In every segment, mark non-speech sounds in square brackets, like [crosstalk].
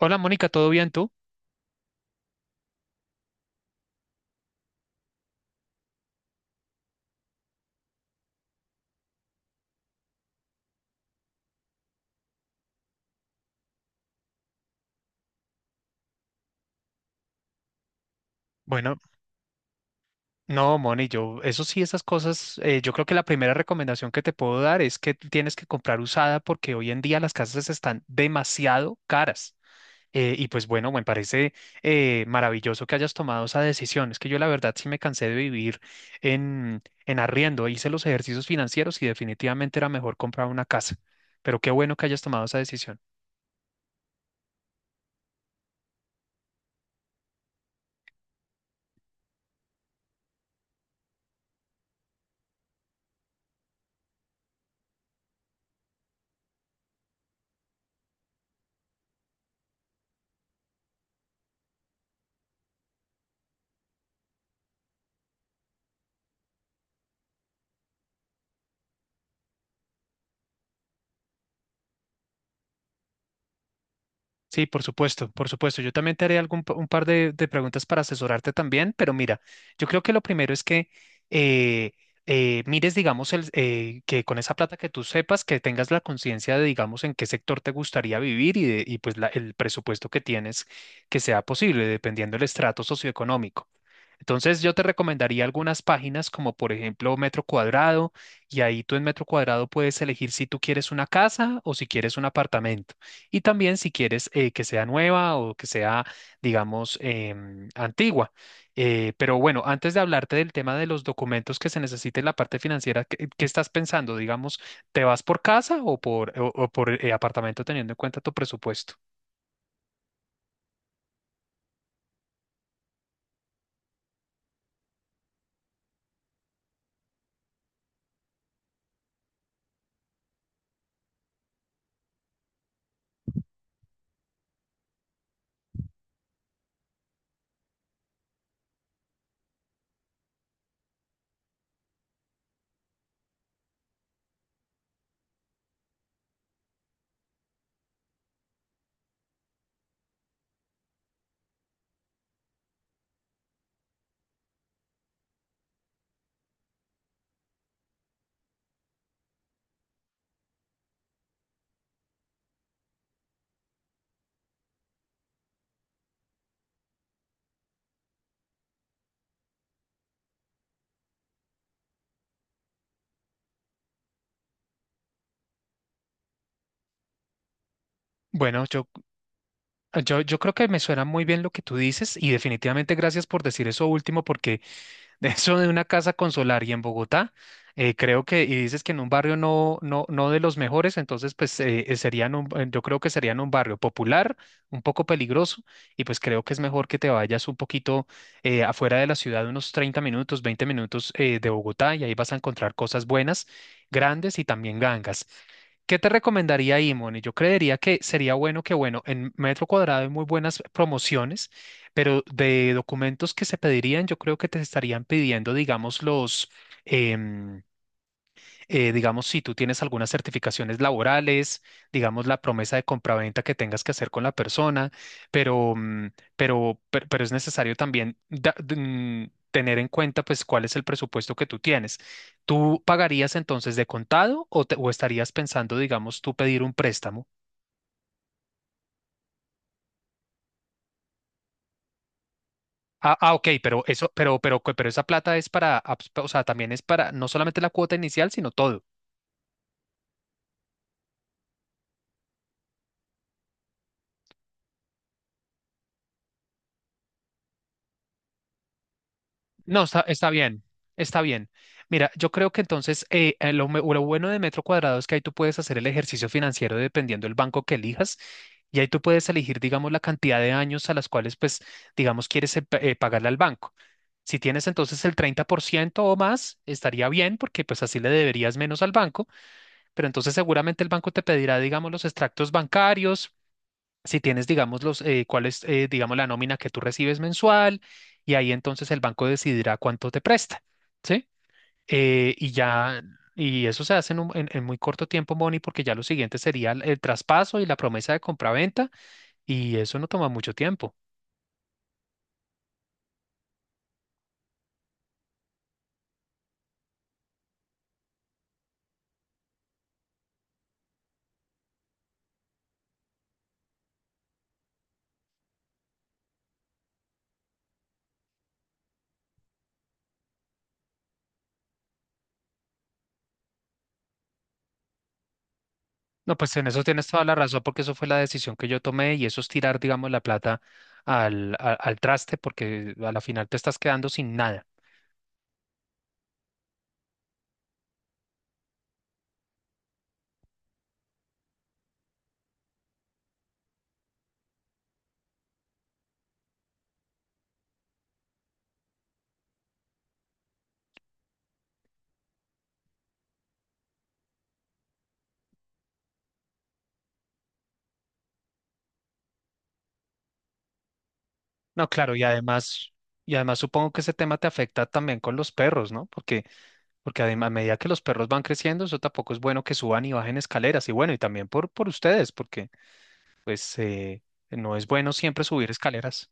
Hola Mónica, ¿todo bien tú? Bueno, No, Moni, yo, eso sí, esas cosas, yo creo que la primera recomendación que te puedo dar es que tienes que comprar usada porque hoy en día las casas están demasiado caras. Y pues bueno, me parece maravilloso que hayas tomado esa decisión. Es que yo la verdad sí me cansé de vivir en arriendo, hice los ejercicios financieros y definitivamente era mejor comprar una casa. Pero qué bueno que hayas tomado esa decisión. Sí, por supuesto, por supuesto. Yo también te haré algún, un par de preguntas para asesorarte también, pero mira, yo creo que lo primero es que eh, mires, digamos, el, que con esa plata que tú sepas, que tengas la conciencia de, digamos, en qué sector te gustaría vivir y, y pues el presupuesto que tienes que sea posible, dependiendo del estrato socioeconómico. Entonces yo te recomendaría algunas páginas como por ejemplo Metro Cuadrado y ahí tú en Metro Cuadrado puedes elegir si tú quieres una casa o si quieres un apartamento y también si quieres que sea nueva o que sea digamos antigua. Pero bueno, antes de hablarte del tema de los documentos que se necesiten en la parte financiera, ¿qué, qué estás pensando? Digamos, ¿te vas por casa o por, o por apartamento teniendo en cuenta tu presupuesto? Bueno, yo creo que me suena muy bien lo que tú dices y definitivamente gracias por decir eso último porque [laughs] de eso de una casa con solar y en Bogotá, creo que, y dices que en un barrio no, no, no de los mejores, entonces pues serían un, yo creo que serían un barrio popular, un poco peligroso y pues creo que es mejor que te vayas un poquito afuera de la ciudad, unos 30 minutos, 20 minutos de Bogotá y ahí vas a encontrar cosas buenas, grandes y también gangas. ¿Qué te recomendaría ahí, Moni? Yo creería que sería bueno que, bueno, en metro cuadrado hay muy buenas promociones, pero de documentos que se pedirían, yo creo que te estarían pidiendo, digamos, los, em, digamos, si tú tienes algunas certificaciones laborales, digamos, la promesa de compraventa que tengas que hacer con la persona, pero, mm, pero es necesario también tener en cuenta, pues, cuál es el presupuesto que tú tienes. ¿Tú pagarías entonces de contado o, o estarías pensando, digamos, tú pedir un préstamo? Ok, pero eso, pero esa plata es para, o sea, también es para no solamente la cuota inicial, sino todo. No, está, está bien, está bien. Mira, yo creo que entonces lo, lo bueno de metro cuadrado es que ahí tú puedes hacer el ejercicio financiero dependiendo del banco que elijas y ahí tú puedes elegir, digamos, la cantidad de años a las cuales, pues, digamos, quieres pagarle al banco. Si tienes entonces el 30% o más, estaría bien porque pues así le deberías menos al banco, pero entonces seguramente el banco te pedirá, digamos, los extractos bancarios, si tienes, digamos, los, cuál es, digamos, la nómina que tú recibes mensual, y ahí entonces el banco decidirá cuánto te presta, ¿sí? Y ya, y eso se hace en, en muy corto tiempo, Moni, porque ya lo siguiente sería el traspaso y la promesa de compraventa, y eso no toma mucho tiempo. No, pues en eso tienes toda la razón, porque eso fue la decisión que yo tomé, y eso es tirar, digamos, la plata al, al traste, porque a la final te estás quedando sin nada. No, claro, y además. Y además supongo que ese tema te afecta también con los perros, ¿no? Porque, porque a medida que los perros van creciendo, eso tampoco es bueno que suban y bajen escaleras. Y bueno, y también por ustedes, porque pues no es bueno siempre subir escaleras.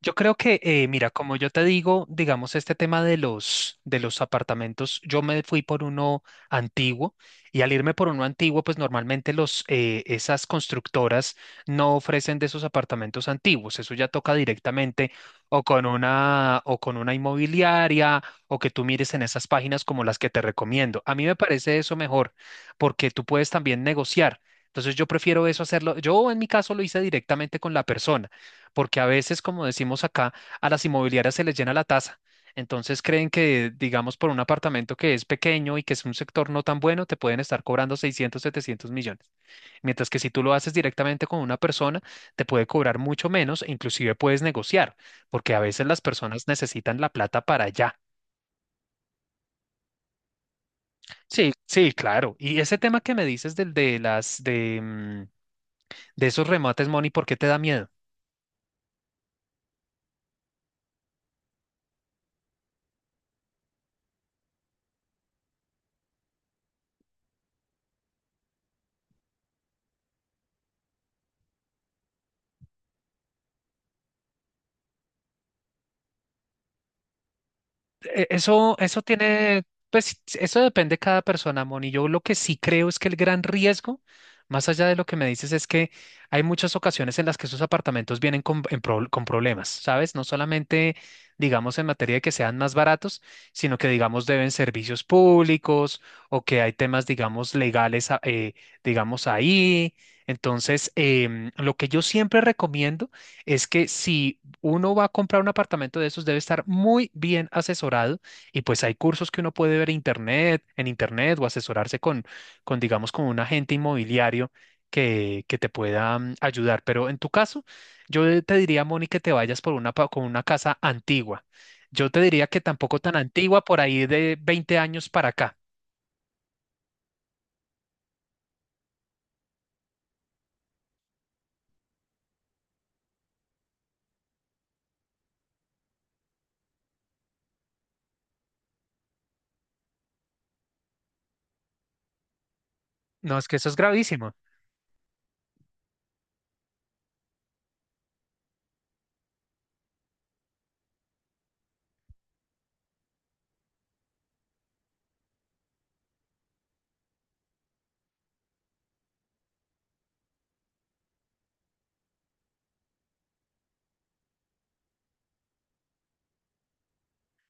Yo creo que, mira, como yo te digo, digamos, este tema de los apartamentos, yo me fui por uno antiguo y al irme por uno antiguo, pues normalmente los, esas constructoras no ofrecen de esos apartamentos antiguos. Eso ya toca directamente o con una inmobiliaria o que tú mires en esas páginas como las que te recomiendo. A mí me parece eso mejor porque tú puedes también negociar. Entonces yo prefiero eso hacerlo. Yo en mi caso lo hice directamente con la persona porque a veces, como decimos acá, a las inmobiliarias se les llena la taza. Entonces creen que, digamos, por un apartamento que es pequeño y que es un sector no tan bueno, te pueden estar cobrando 600, 700 millones. Mientras que si tú lo haces directamente con una persona, te puede cobrar mucho menos e inclusive puedes negociar, porque a veces las personas necesitan la plata para allá. Sí, sí, claro. Y ese tema que me dices del de las de, mm, de esos remates, Moni, ¿por qué te da miedo? Eso, eso tiene, pues eso depende de cada persona, Moni. Yo lo que sí creo es que el gran riesgo, más allá de lo que me dices, es que hay muchas ocasiones en las que esos apartamentos vienen con, con problemas, ¿sabes? No solamente, digamos, en materia de que sean más baratos, sino que, digamos, deben servicios públicos o que hay temas, digamos, legales, digamos, ahí. Entonces, lo que yo siempre recomiendo es que si uno va a comprar un apartamento de esos, debe estar muy bien asesorado y pues hay cursos que uno puede ver internet, en internet o asesorarse con digamos, con un agente inmobiliario que te pueda ayudar. Pero en tu caso, yo te diría, Moni, que te vayas por una, con una casa antigua. Yo te diría que tampoco tan antigua, por ahí de 20 años para acá. No, es que eso es gravísimo.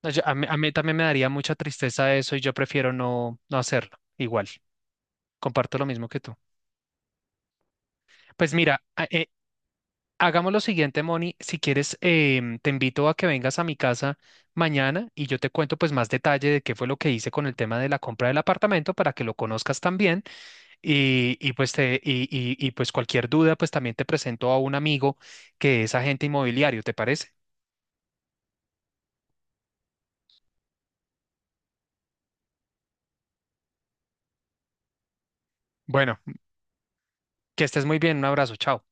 No, a mí también me daría mucha tristeza eso y yo prefiero no, no hacerlo. Igual, comparto lo mismo que tú. Pues mira, hagamos lo siguiente, Moni. Si quieres, te invito a que vengas a mi casa mañana y yo te cuento pues más detalle de qué fue lo que hice con el tema de la compra del apartamento para que lo conozcas también. Y, pues te, y pues cualquier duda, pues también te presento a un amigo que es agente inmobiliario, ¿te parece? Bueno, que estés muy bien, un abrazo, chao.